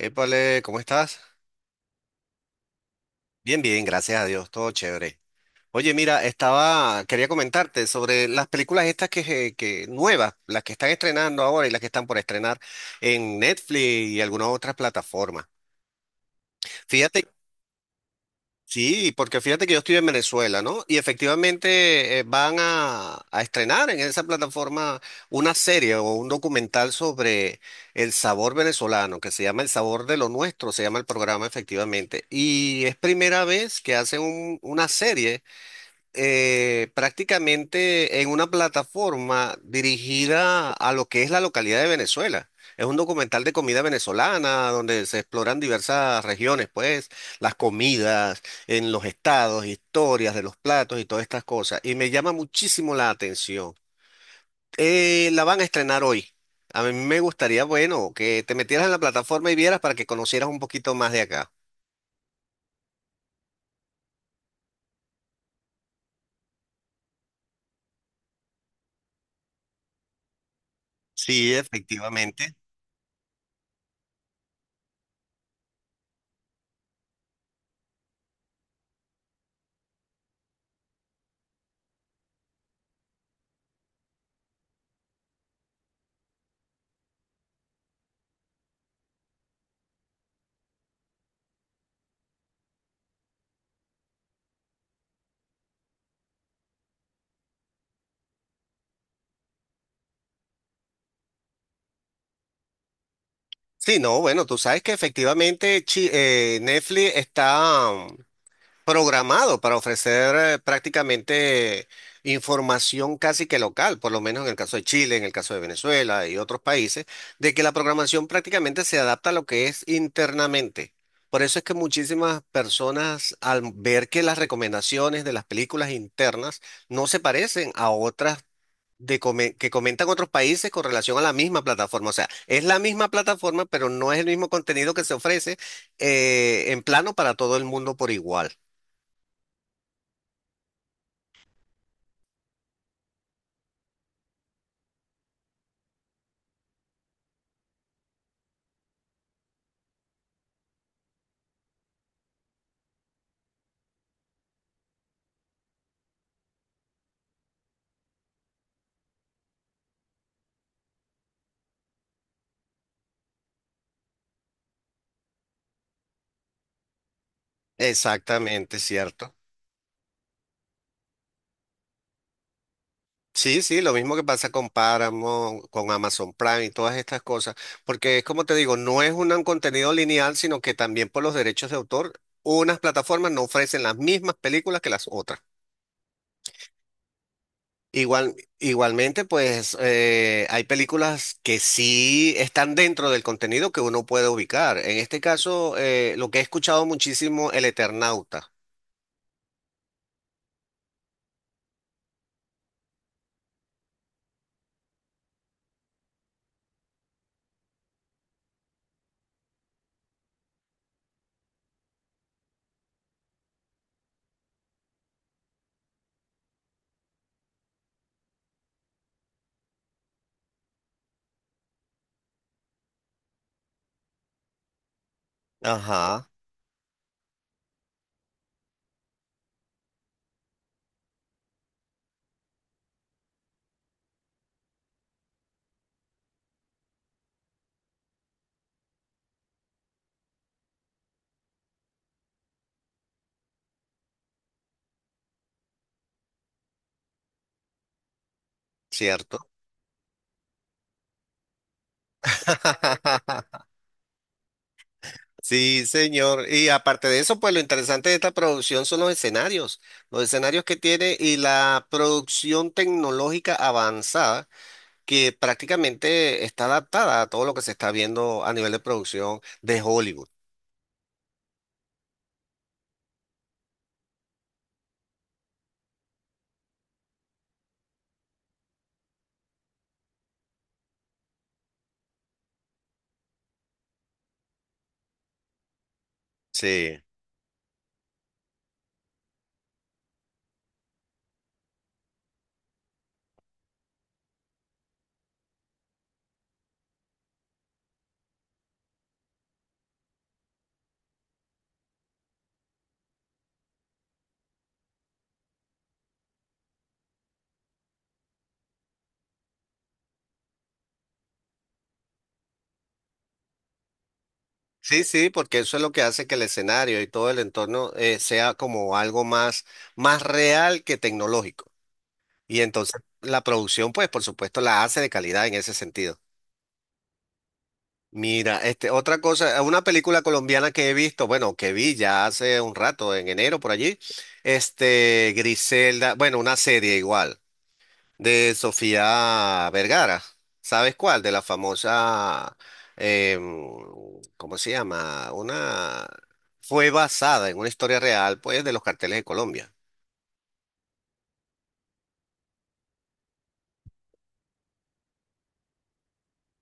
Épale, ¿cómo estás? Bien, bien, gracias a Dios, todo chévere. Oye, mira, quería comentarte sobre las películas estas que nuevas, las que están estrenando ahora y las que están por estrenar en Netflix y algunas otras plataformas. Fíjate. Sí, porque fíjate que yo estoy en Venezuela, ¿no? Y efectivamente van a estrenar en esa plataforma una serie o un documental sobre el sabor venezolano, que se llama El Sabor de lo Nuestro, se llama el programa efectivamente. Y es primera vez que hacen una serie prácticamente en una plataforma dirigida a lo que es la localidad de Venezuela. Es un documental de comida venezolana donde se exploran diversas regiones, pues, las comidas en los estados, historias de los platos y todas estas cosas. Y me llama muchísimo la atención. La van a estrenar hoy. A mí me gustaría, bueno, que te metieras en la plataforma y vieras para que conocieras un poquito más de acá. Sí, efectivamente. Sí, no, bueno, tú sabes que efectivamente Netflix está programado para ofrecer prácticamente información casi que local, por lo menos en el caso de Chile, en el caso de Venezuela y otros países, de que la programación prácticamente se adapta a lo que es internamente. Por eso es que muchísimas personas, al ver que las recomendaciones de las películas internas no se parecen a otras que comentan otros países con relación a la misma plataforma. O sea, es la misma plataforma, pero no es el mismo contenido que se ofrece en plano para todo el mundo por igual. Exactamente, cierto. Sí, sí, lo mismo que pasa con Paramount, con Amazon Prime y todas estas cosas, porque es como te digo, no es un contenido lineal, sino que también por los derechos de autor, unas plataformas no ofrecen las mismas películas que las otras. Igual, igualmente, pues hay películas que sí están dentro del contenido que uno puede ubicar. En este caso, lo que he escuchado muchísimo, El Eternauta. Ajá, cierto. Sí, señor. Y aparte de eso, pues lo interesante de esta producción son los escenarios que tiene y la producción tecnológica avanzada que prácticamente está adaptada a todo lo que se está viendo a nivel de producción de Hollywood. Sí. Sí, sí, porque eso es lo que hace que el escenario y todo el entorno sea como algo más, más real que tecnológico. Y entonces la producción, pues por supuesto, la hace de calidad en ese sentido. Mira, este, otra cosa, una película colombiana que he visto, bueno, que vi ya hace un rato, en enero por allí, este, Griselda, bueno, una serie igual, de Sofía Vergara, ¿sabes cuál? De la famosa, em, ¿cómo se llama? Una, fue basada en una historia real, pues, de los carteles de Colombia.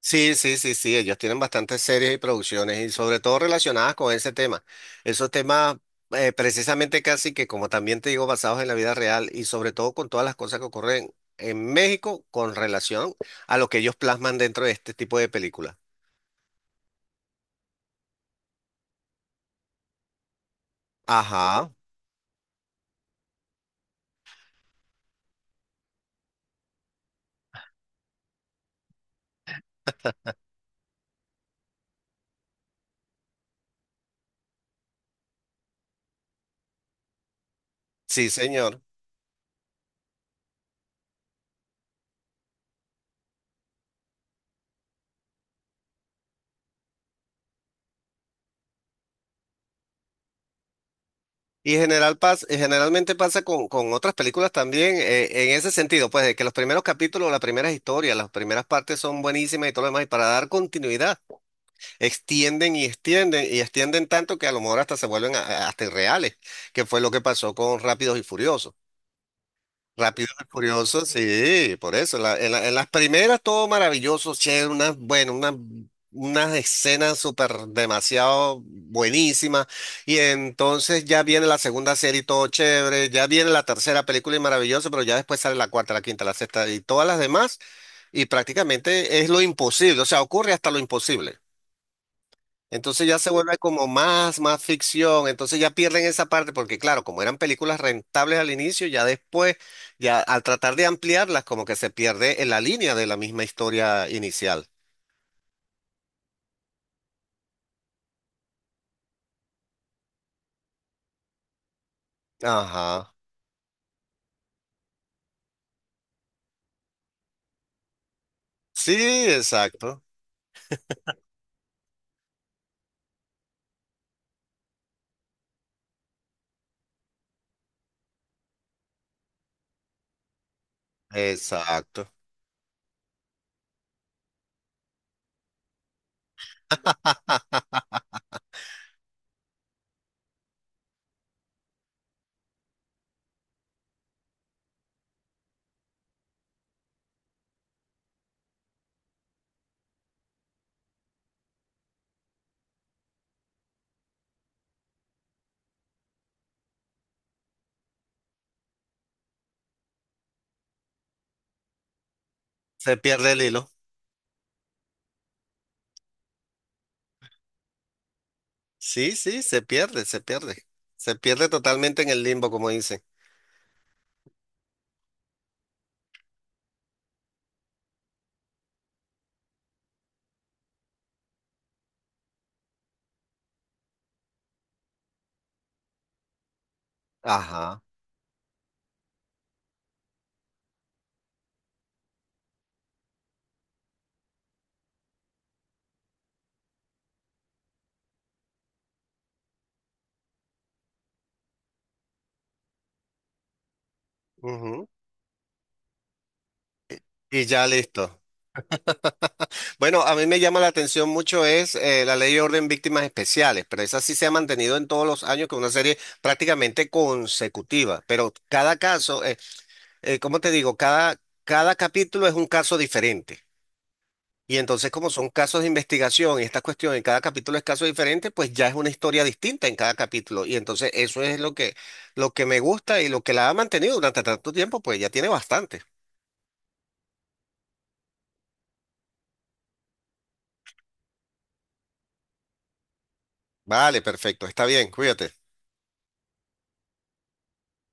Sí, sí, sí, sí, ellos tienen bastantes series y producciones y sobre todo relacionadas con ese tema. Esos temas precisamente casi que como también te digo basados en la vida real y sobre todo con todas las cosas que ocurren en México con relación a lo que ellos plasman dentro de este tipo de películas. Ajá, sí, señor. Y generalmente pasa con otras películas también en ese sentido, pues de que los primeros capítulos, las primeras historias, las primeras partes son buenísimas y todo lo demás, y para dar continuidad. Extienden y extienden y extienden tanto que a lo mejor hasta se vuelven hasta irreales, que fue lo que pasó con Rápidos y Furiosos. Rápidos y Furiosos, sí, por eso. En las primeras todo maravilloso, che, unas, bueno, unas, unas escenas súper demasiado buenísimas. Y entonces ya viene la segunda serie y todo chévere, ya viene la tercera película y maravilloso, pero ya después sale la cuarta, la quinta, la sexta y todas las demás. Y prácticamente es lo imposible, o sea, ocurre hasta lo imposible. Entonces ya se vuelve como más, más ficción, entonces ya pierden esa parte porque claro, como eran películas rentables al inicio, ya después, ya al tratar de ampliarlas, como que se pierde en la línea de la misma historia inicial. Ajá. Sí, exacto, exacto. Se pierde el hilo. Sí, sí, se pierde, se pierde. Se pierde totalmente en el limbo, como dicen. Ajá. Ujú. Y ya listo. Bueno, a mí me llama la atención mucho es la ley de orden víctimas especiales, pero esa sí se ha mantenido en todos los años con una serie prácticamente consecutiva, pero cada caso, ¿cómo te digo? Cada, cada capítulo es un caso diferente. Y entonces, como son casos de investigación y esta cuestión en cada capítulo es caso diferente, pues ya es una historia distinta en cada capítulo. Y entonces eso es lo que me gusta y lo que la ha mantenido durante tanto tiempo, pues ya tiene bastante. Vale, perfecto, está bien, cuídate.